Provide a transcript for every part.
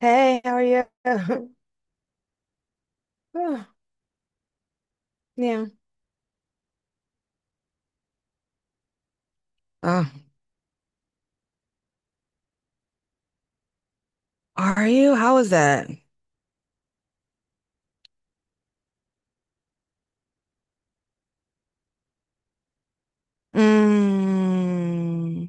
Hey, how are you? Oh, yeah. Oh, are you? How was that? Mm,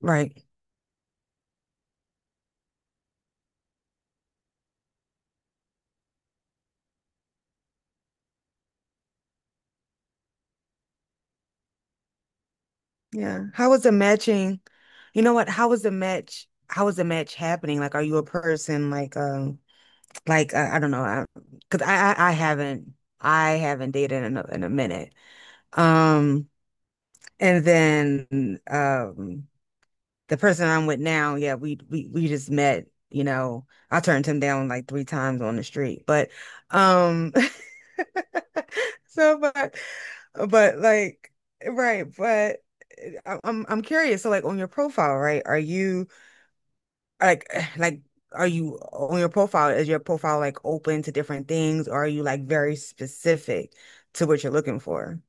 right. Yeah. How was the matching? You know what? How was the match? How was the match happening? Like, are you a person like, I don't know, because I haven't I haven't dated in a minute. Um, and then the person I'm with now, yeah, we just met, you know. I turned him down like three times on the street. But um so but like right, but I'm I'm curious. So like on your profile, right? Are you like like are you on your profile, is your profile like open to different things or are you like very specific to what you're looking for?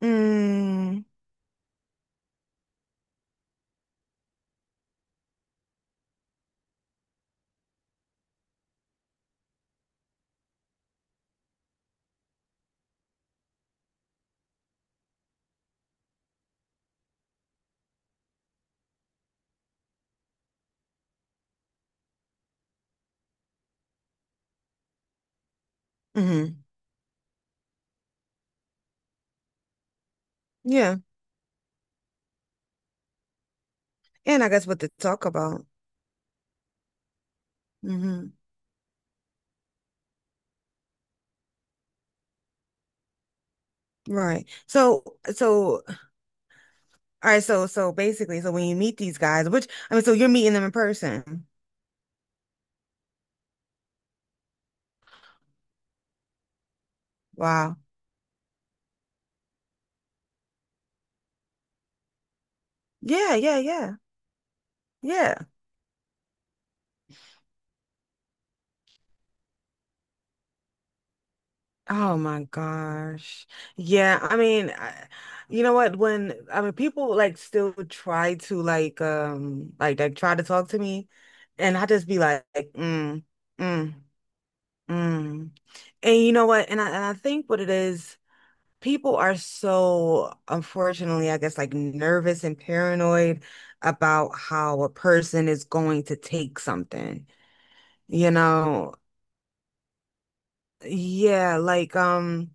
Mm, hmm. Yeah. And I guess what to talk about. Hmm. Right. So, so, all right. So, so basically, so when you meet these guys, which, I mean, so you're meeting them in person. Wow. Yeah. Yeah. Yeah. Yeah. Oh my gosh. Yeah. You know what? When, I mean, people like still try to like try to talk to me and I just be like, mm, mm, mm. And you know what? And I think what it is. People are so, unfortunately, I guess, like nervous and paranoid about how a person is going to take something. You know, yeah,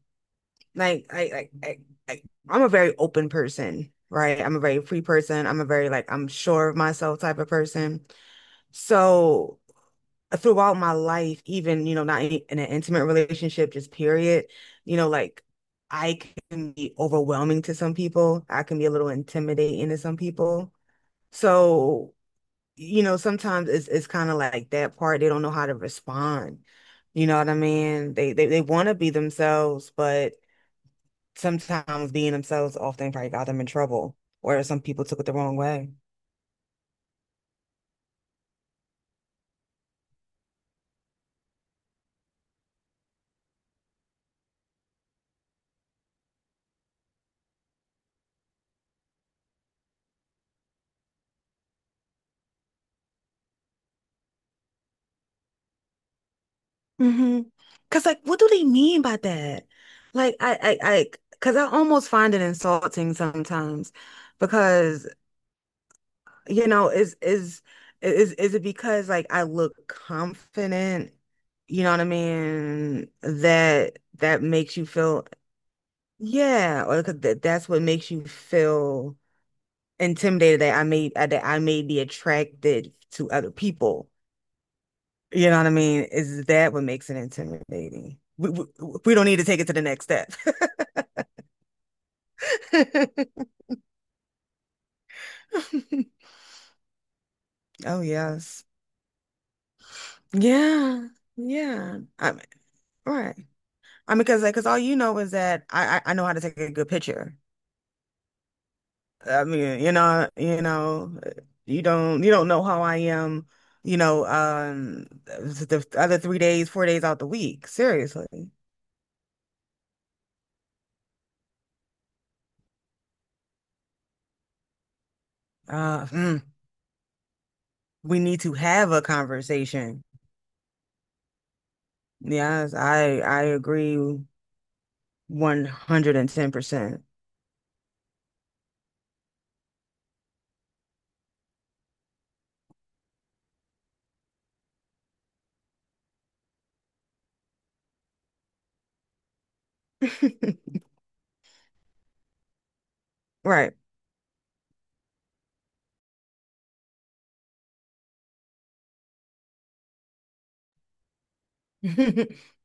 like I I'm a very open person, right? I'm a very free person. I'm a very like I'm sure of myself type of person. So throughout my life, even, you know, not in, in an intimate relationship, just period, you know, like I can be overwhelming to some people. I can be a little intimidating to some people. So, you know, sometimes it's kind of like that part. They don't know how to respond. You know what I mean? They want to be themselves, but sometimes being themselves often probably got them in trouble, or some people took it the wrong way. Mm-hmm. 'Cause like, what do they mean by that? Like, 'cause I almost find it insulting sometimes because, you know, is it because like I look confident, you know what I mean? That that makes you feel yeah, or 'cause that that's what makes you feel intimidated that I may be attracted to other people. You know what I mean? Is that what makes it intimidating? We don't need to take it to the next step. Oh yes. Yeah. Yeah. Right. I mean, because like, because all you know is that I I know how to take a good picture. I mean, you know, you know, you don't know how I am, you know, the other 3 days, 4 days out the week. Seriously, uh, mm, we need to have a conversation. Yes, I agree 110%. Right.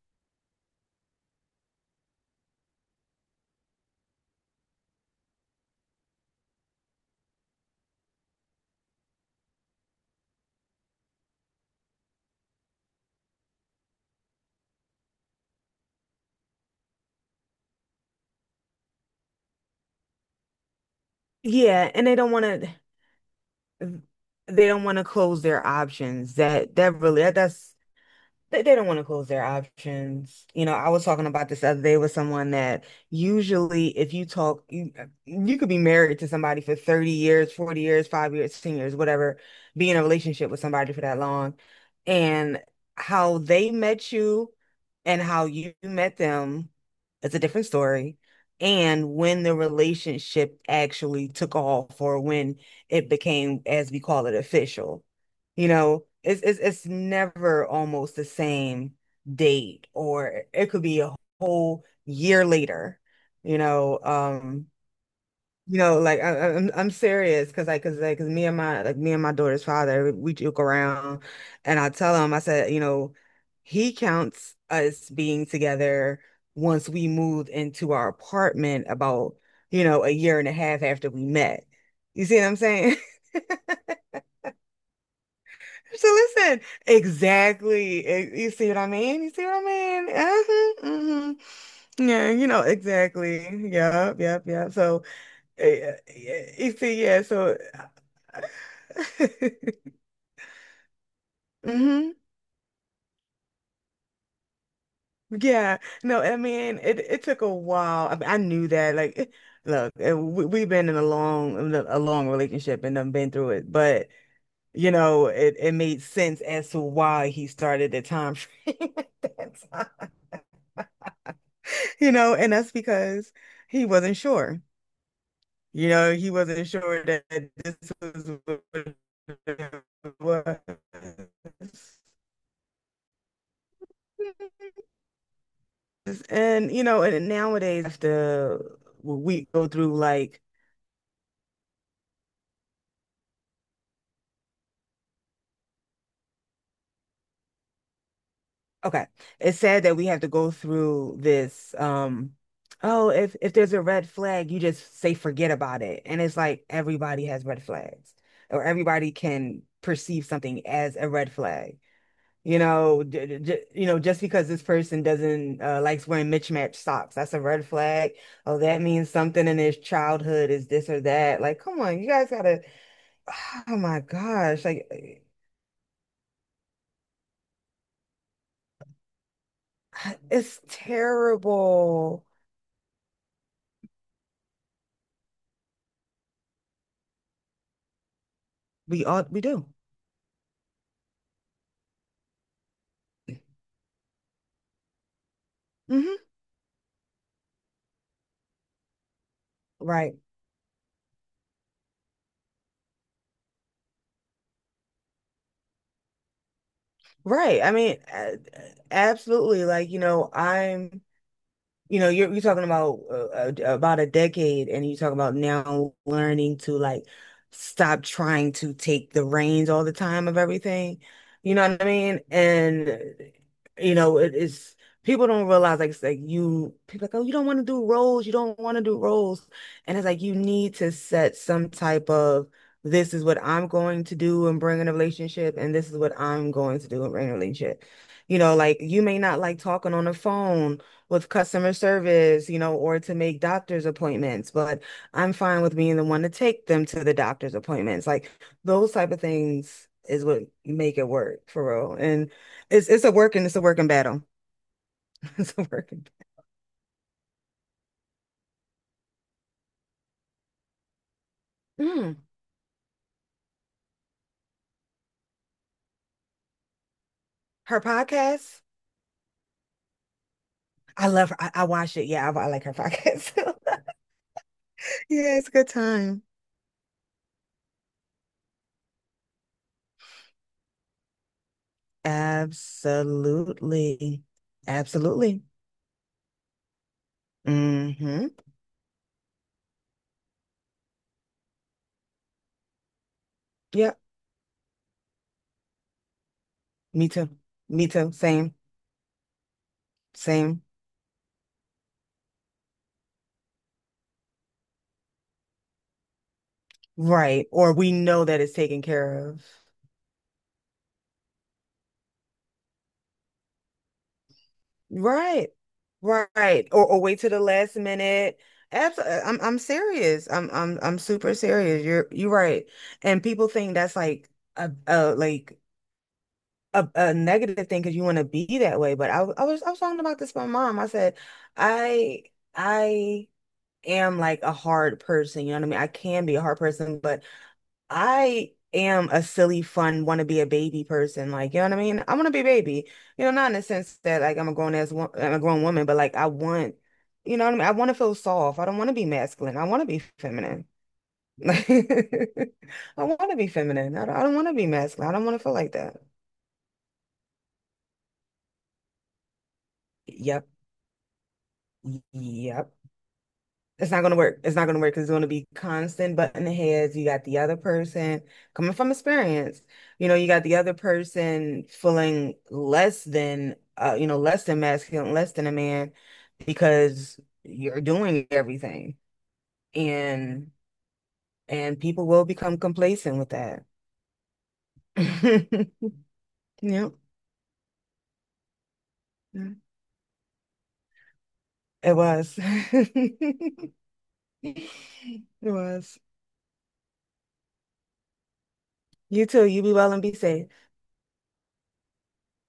Yeah, and they don't want to they don't want to close their options. That that really that, that's they don't want to close their options. You know, I was talking about this the other day with someone that usually if you talk, you could be married to somebody for 30 years, 40 years, 5 years, 10 years, whatever, be in a relationship with somebody for that long. And how they met you and how you met them is a different story. And when the relationship actually took off, or when it became, as we call it, official. You know, it's never almost the same date, or it could be a whole year later. You know, um, you know, like I'm I'm serious because 'cause me and my daughter's father, we joke around, and I tell him I said, you know, he counts us being together once we moved into our apartment about, you know, a year and a half after we met. You see what I'm saying? So listen, exactly. Eh, you see what I mean? You see what I mean? Uh-huh, mhm. Yeah, you know, exactly. Yep, yep, yep. So, eh, eh, you see, yeah, so. Hmm. Yeah, no, I mean, it took a while. I mean, I knew that. Like, eh, look, eh, we've been in a long, in a long relationship and I've been through it, but, you know, it made sense as to why he started the time frame at that time. You know, and that's because he wasn't sure. You know, he wasn't sure that this was what it was. And you know, and nowadays after we go through like, okay, it's sad that we have to go through this, oh, if there's a red flag, you just say forget about it. And it's like everybody has red flags, or everybody can perceive something as a red flag. You know, j j you know, just because this person doesn't likes wearing mismatched socks, that's a red flag. Oh, that means something in his childhood is this or that. Like, come on, you guys gotta. Oh my gosh, like it's terrible. We all we do. Hmm. Right, right. Absolutely. Like, you know, I'm you know, you're talking about a decade, and you talk about now learning to like stop trying to take the reins all the time of everything. You know what I mean? And you know, it is people don't realize like it's like you people like, oh, you don't want to do roles, you don't want to do roles, and it's like you need to set some type of this is what I'm going to do and bring in a relationship, and this is what I'm going to do and bring in a relationship. You know, like you may not like talking on the phone with customer service, you know, or to make doctor's appointments, but I'm fine with being the one to take them to the doctor's appointments. Like those type of things is what make it work for real. And it's a working battle. It's a working. Mm. Her podcast, I love her. I watch it. Yeah, I like her podcast. Yeah, it's a good time. Absolutely. Absolutely. Mm-hmm. Yeah, me too. Me too. Same. Same. Right. Or we know that it's taken care of. Right. Right. Or wait to the last minute. I'm serious. I'm I'm super serious. You're right. And people think that's like a negative thing because you want to be that way. But I was talking about this with my mom. I said, I I am like a hard person, you know what I mean? I can be a hard person, but I am a silly, fun, want to be a baby person. Like, you know what I mean? I want to be a baby. You know, not in the sense that like I'm a grown ass, I'm a grown woman, but like I want, you know what I mean? I want to feel soft. I don't want to be masculine. I want to be feminine. Like, I want to be feminine. I don't want to be masculine. I don't want to feel like that. Yep. Yep. It's not gonna work. It's not gonna work because it's gonna be constant butting heads. You got the other person coming from experience. You know, you got the other person feeling less than, you know, less than masculine, less than a man, because you're doing everything, and and people will become complacent with that. Yep, it was. It was. You too. You be well and be safe.